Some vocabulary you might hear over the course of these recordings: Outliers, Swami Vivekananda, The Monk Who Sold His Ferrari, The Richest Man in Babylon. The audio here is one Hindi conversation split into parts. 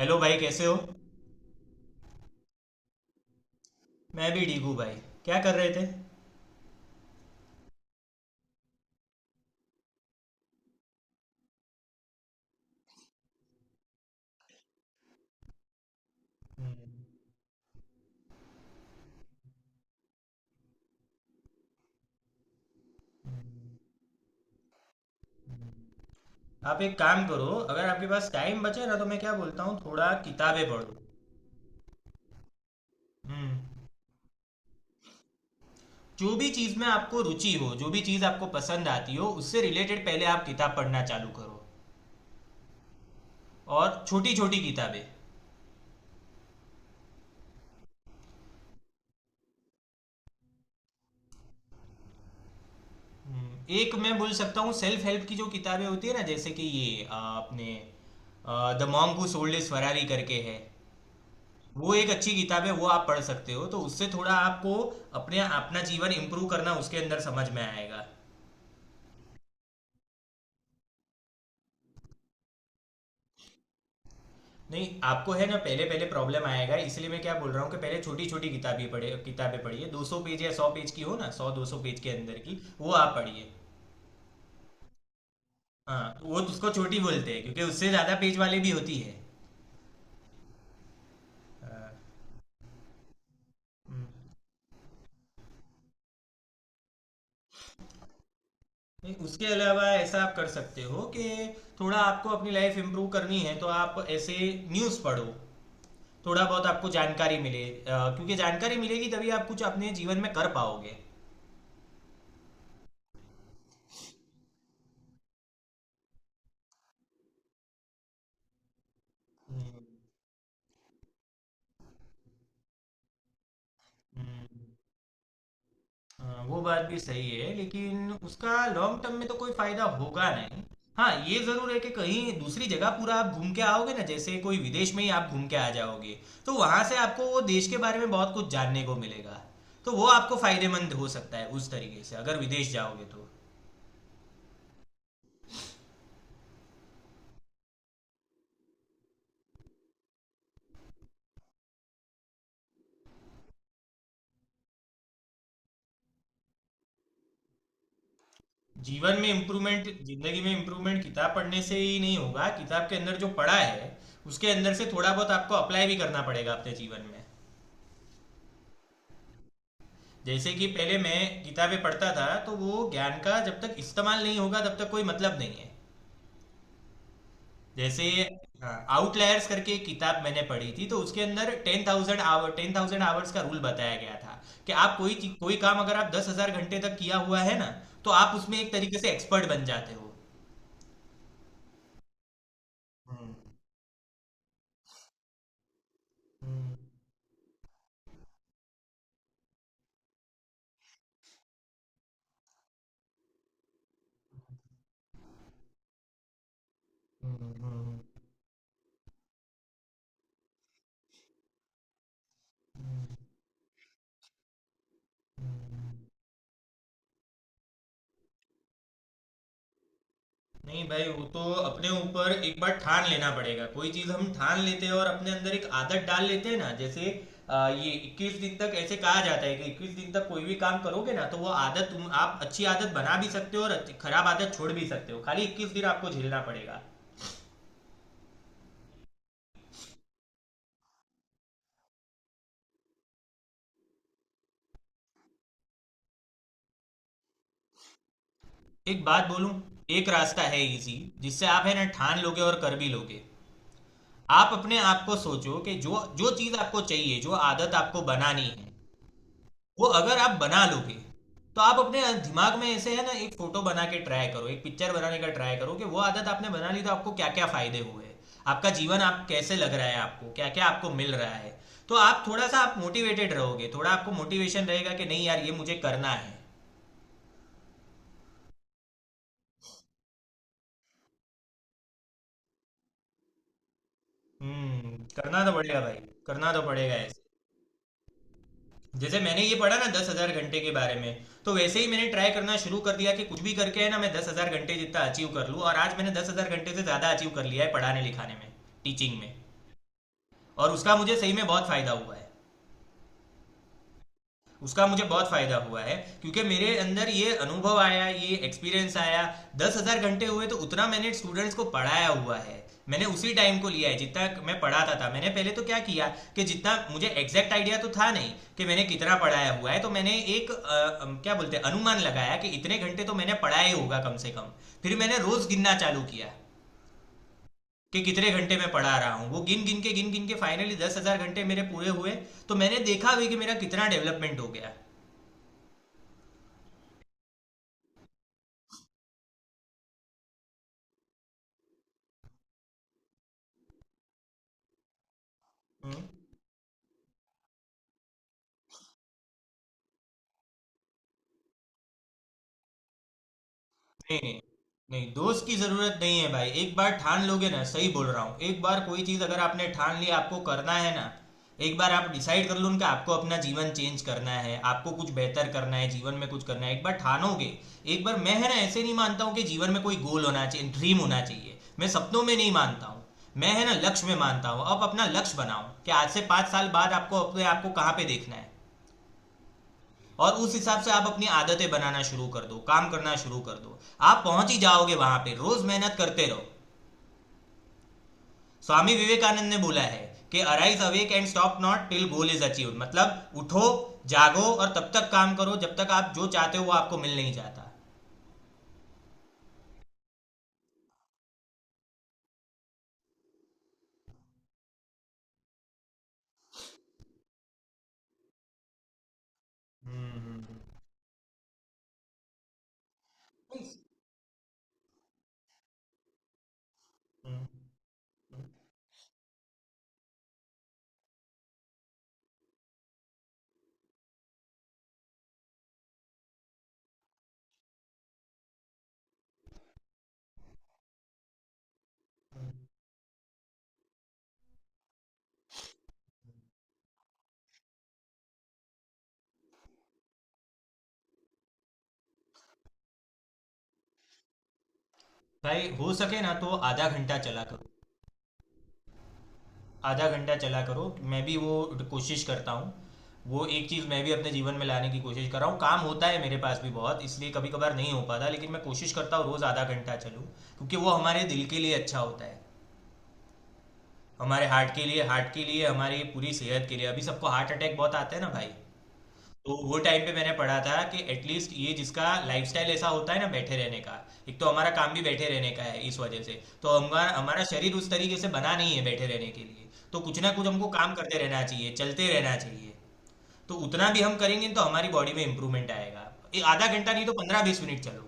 हेलो भाई, कैसे हो? मैं भी ठीक हूँ भाई। क्या कर रहे थे? हम्म। आप एक काम करो। अगर आपके पास टाइम बचे ना, तो मैं क्या बोलता हूँ, थोड़ा किताबें पढ़ो। हम्म। जो भी चीज़ में आपको रुचि हो, जो भी चीज़ आपको पसंद आती हो, उससे रिलेटेड पहले आप किताब पढ़ना चालू करो। और छोटी छोटी किताबें। हम्म। एक मैं बोल सकता हूँ, सेल्फ हेल्प की जो किताबें होती है ना, जैसे कि ये अपने the monk who sold his Ferrari करके है। वो एक अच्छी किताब है, वो आप पढ़ सकते हो, तो उससे थोड़ा आपको अपने अपना जीवन इम्प्रूव करना उसके अंदर समझ में आएगा। नहीं, आपको है ना, पहले पहले प्रॉब्लम आएगा, इसलिए मैं क्या बोल रहा हूँ कि पहले छोटी छोटी किताबें पढ़े, किताबें पढ़िए 200 पेज या 100 पेज की हो ना, 100 200 पेज के अंदर की वो आप पढ़िए। हाँ, वो तो उसको छोटी बोलते हैं क्योंकि उससे ज़्यादा पेज वाली भी होती है। हाँ। हम्म। नहीं, उसके अलावा ऐसा आप कर सकते हो कि थोड़ा आपको अपनी लाइफ इम्प्रूव करनी है तो आप ऐसे न्यूज़ पढ़ो, थोड़ा बहुत आपको जानकारी मिले, क्योंकि जानकारी मिलेगी तभी आप कुछ अपने जीवन में कर पाओगे। हम्म। हम्म। वो बात भी सही है, लेकिन उसका लॉन्ग टर्म में तो कोई फायदा होगा नहीं। हाँ, ये जरूर है कि कहीं दूसरी जगह पूरा आप घूम के आओगे ना, जैसे कोई विदेश में ही आप घूम के आ जाओगे, तो वहां से आपको वो देश के बारे में बहुत कुछ जानने को मिलेगा। तो वो आपको फायदेमंद हो सकता है उस तरीके से, अगर विदेश जाओगे तो। जीवन में इम्प्रूवमेंट, जिंदगी में इम्प्रूवमेंट, किताब पढ़ने से ही नहीं होगा, किताब के अंदर जो पढ़ा है उसके अंदर से थोड़ा बहुत आपको अप्लाई भी करना पड़ेगा अपने जीवन में। जैसे कि पहले मैं किताबें पढ़ता था, तो वो ज्ञान का जब तक इस्तेमाल नहीं होगा तब तक कोई मतलब नहीं है। जैसे आउटलायर्स करके एक किताब मैंने पढ़ी थी, तो उसके अंदर 10,000 आवर्स का रूल बताया गया था कि आप कोई कोई काम अगर आप 10,000 घंटे तक किया हुआ है ना, तो आप उसमें एक तरीके से एक्सपर्ट बन जाते हो। हम्म। हम्म। हम्म। हम्म। नहीं भाई, वो तो अपने ऊपर एक बार ठान लेना पड़ेगा। कोई चीज हम ठान लेते हैं और अपने अंदर एक आदत डाल लेते हैं ना, जैसे ये 21 दिन तक ऐसे कहा जाता है कि 21 दिन तक कोई भी काम करोगे ना तो वो आदत तुम आप अच्छी आदत बना भी सकते हो और खराब आदत छोड़ भी सकते हो, खाली 21 दिन आपको झेलना पड़ेगा। एक बात बोलूं, एक रास्ता है इजी जिससे आप है ना ठान लोगे और कर भी लोगे। आप अपने आप को सोचो कि जो जो चीज आपको चाहिए, जो आदत आपको बनानी है, वो अगर आप बना लोगे, तो आप अपने दिमाग में ऐसे है ना एक फोटो बना के ट्राई करो, एक पिक्चर बनाने का ट्राई करो कि वो आदत आपने बना ली तो आपको क्या क्या फायदे हुए, आपका जीवन आप कैसे लग रहा है, आपको क्या क्या आपको मिल रहा है। तो आप थोड़ा सा आप मोटिवेटेड रहोगे, थोड़ा आपको मोटिवेशन रहेगा कि नहीं यार ये मुझे करना है। हम्म, करना तो पड़ेगा भाई। करना तो पड़ेगा ऐसे। जैसे मैंने ये पढ़ा ना दस हजार घंटे के बारे में, तो वैसे ही मैंने ट्राई करना शुरू कर दिया कि कुछ भी करके है ना, मैं 10,000 घंटे जितना अचीव कर लूँ, और आज मैंने 10,000 घंटे से ज़्यादा अचीव कर लिया है, पढ़ाने लिखाने में, टीचिंग में। और उसका मुझे सही में बहुत फायदा हुआ है। उसका मुझे बहुत फायदा हुआ है क्योंकि मेरे अंदर ये अनुभव आया, ये एक्सपीरियंस आया। 10,000 घंटे हुए तो उतना मैंने स्टूडेंट्स को पढ़ाया हुआ है। मैंने उसी टाइम को लिया है जितना मैं पढ़ाता था। मैंने पहले तो क्या किया कि जितना मुझे एग्जैक्ट आइडिया तो था नहीं कि मैंने कितना पढ़ाया हुआ है, तो मैंने एक क्या बोलते हैं अनुमान लगाया कि इतने घंटे तो मैंने पढ़ाया ही होगा कम से कम। फिर मैंने रोज गिनना चालू किया कि कितने घंटे मैं पढ़ा रहा हूँ, वो गिन गिन के फाइनली 10,000 घंटे मेरे पूरे हुए। तो मैंने देखा भी कि मेरा कितना डेवलपमेंट हो गया। हम्म। नहीं नहीं, दोस्त की जरूरत नहीं है भाई, एक बार ठान लोगे ना, सही बोल रहा हूँ, एक बार कोई चीज अगर आपने ठान ली आपको करना है ना। एक बार आप डिसाइड कर लो उनका आपको अपना जीवन चेंज करना है, आपको कुछ बेहतर करना है, जीवन में कुछ करना है, एक बार ठानोगे। एक बार मैं है ना ऐसे नहीं मानता हूँ कि जीवन में कोई गोल होना चाहिए, ड्रीम होना चाहिए। मैं सपनों में नहीं मानता हूँ। मैं है ना लक्ष्य में मानता हूँ। अब अपना लक्ष्य बनाओ कि आज से 5 साल बाद आपको अपने आपको कहाँ पे देखना है, और उस हिसाब से आप अपनी आदतें बनाना शुरू कर दो, काम करना शुरू कर दो। आप पहुंच ही जाओगे वहां पे, रोज मेहनत करते रहो। स्वामी विवेकानंद ने बोला है कि arise awake and stop not till goal is achieve, मतलब उठो जागो, और तब तक काम करो जब तक आप जो चाहते हो वो आपको मिल नहीं जाता। हम्म। हम्म। हम्म। हम्म। भाई हो सके ना तो आधा घंटा चला करो। आधा घंटा चला करो, मैं भी वो कोशिश करता हूँ। वो एक चीज़ मैं भी अपने जीवन में लाने की कोशिश कर रहा हूँ, काम होता है मेरे पास भी बहुत, इसलिए कभी कभार नहीं हो पाता, लेकिन मैं कोशिश करता हूँ रोज़ आधा घंटा चलूँ। क्योंकि वो हमारे दिल के लिए अच्छा होता है। हमारे हार्ट के लिए, हार्ट के लिए, हमारी पूरी सेहत के लिए। अभी सबको हार्ट अटैक बहुत आते हैं ना भाई। तो वो टाइम पे मैंने पढ़ा था कि एटलीस्ट ये जिसका लाइफस्टाइल ऐसा होता है ना, बैठे रहने का, एक तो हमारा काम भी बैठे रहने का है इस वजह से, तो हमारा हमारा शरीर उस तरीके से बना नहीं है बैठे रहने के लिए, तो कुछ ना कुछ हमको काम करते रहना चाहिए, चलते रहना चाहिए। तो उतना भी हम करेंगे तो हमारी बॉडी में इंप्रूवमेंट आएगा। ये आधा घंटा नहीं तो 15-20 मिनट चलो।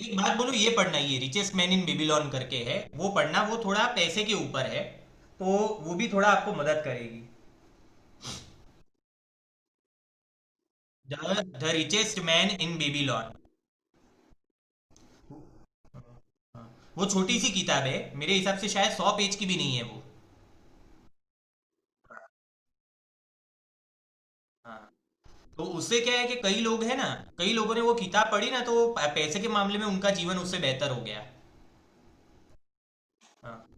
एक बात बोलो, ये पढ़ना, ये रिचेस्ट मैन इन बेबीलोन करके है, वो पढ़ना, वो थोड़ा पैसे के ऊपर है, तो वो भी थोड़ा आपको मदद करेगी। The richest man in Babylon. वो छोटी सी किताब है, मेरे हिसाब से शायद 100 पेज की भी नहीं है वो। हाँ, तो उससे क्या है कि कई लोग हैं ना, कई लोगों ने वो किताब पढ़ी ना, तो पैसे के मामले में उनका जीवन उससे बेहतर हो गया। हाँ।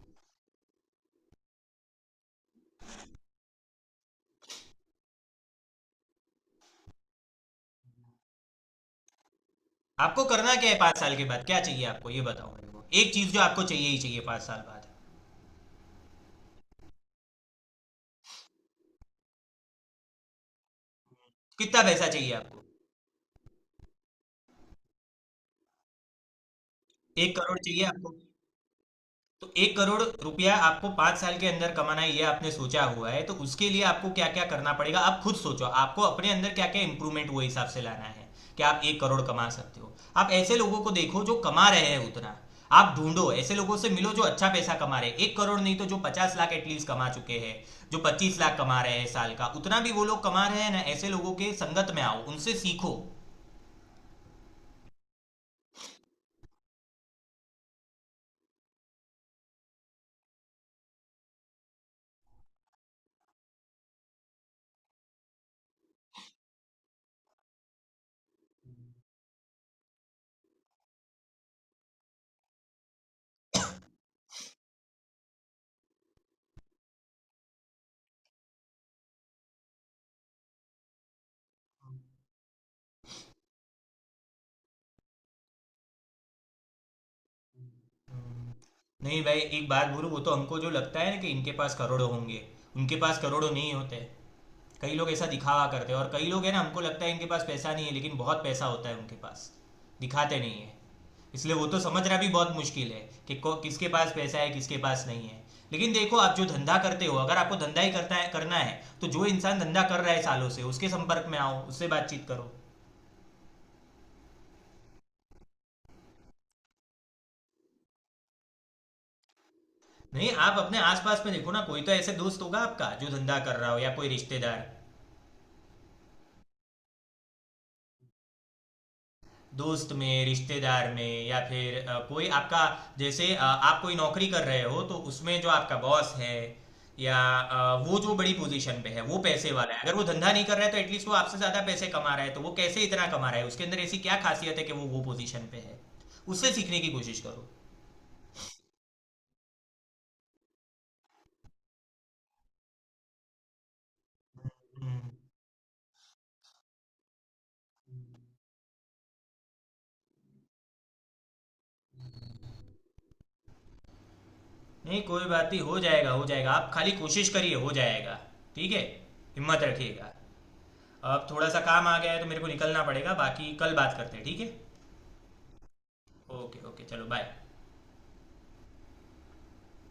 आपको करना क्या है 5 साल के बाद, क्या चाहिए आपको ये बताओ मेरे को एक चीज जो आपको चाहिए ही चाहिए 5 साल बाद। कितना पैसा चाहिए आपको? 1 करोड़ चाहिए आपको? तो एक करोड़ रुपया आपको 5 साल के अंदर कमाना है, ये आपने सोचा हुआ है, तो उसके लिए आपको क्या क्या करना पड़ेगा आप खुद सोचो, आपको अपने अंदर क्या क्या इंप्रूवमेंट वो हिसाब से लाना है कि आप 1 करोड़ कमा सकते हो। आप ऐसे लोगों को देखो जो कमा रहे हैं उतना। आप ढूंढो, ऐसे लोगों से मिलो जो अच्छा पैसा कमा रहे हैं, 1 करोड़ नहीं तो जो 50 लाख एटलीस्ट कमा चुके हैं, जो 25 लाख कमा रहे हैं साल का, उतना भी वो लोग कमा रहे हैं ना, ऐसे लोगों के संगत में आओ, उनसे सीखो। नहीं भाई, एक बात बोलूं, वो तो हमको जो लगता है ना कि इनके पास करोड़ों होंगे, उनके पास करोड़ों नहीं होते। कई लोग ऐसा दिखावा करते हैं, और कई लोग हैं ना हमको लगता है इनके पास पैसा नहीं है, लेकिन बहुत पैसा होता है उनके पास, दिखाते नहीं है। इसलिए वो तो समझना भी बहुत मुश्किल है कि किसके पास पैसा है किसके पास नहीं है। लेकिन देखो, आप जो धंधा करते हो, अगर आपको धंधा ही करता है करना है, तो जो इंसान धंधा कर रहा है सालों से उसके संपर्क में आओ, उससे बातचीत करो। नहीं, आप अपने आसपास में देखो ना, कोई तो ऐसे दोस्त होगा आपका जो धंधा कर रहा हो या कोई रिश्तेदार, दोस्त में, रिश्तेदार में, या फिर कोई आपका, जैसे आप कोई नौकरी कर रहे हो तो उसमें जो आपका बॉस है, या वो जो बड़ी पोजीशन पे है, वो पैसे वाला है, अगर वो धंधा नहीं कर रहा है तो एटलीस्ट वो आपसे ज्यादा पैसे कमा रहा है, तो वो कैसे इतना कमा रहा है, उसके अंदर ऐसी क्या खासियत है कि वो पोजीशन पे है। उससे सीखने की कोशिश करो। हम्म। नहीं कोई बात नहीं, हो जाएगा, हो जाएगा, आप खाली कोशिश करिए, हो जाएगा। ठीक है, हिम्मत रखिएगा। अब थोड़ा सा काम आ गया है तो मेरे को निकलना पड़ेगा, बाकी कल बात करते हैं, ठीक है। ओके ओके, चलो बाय।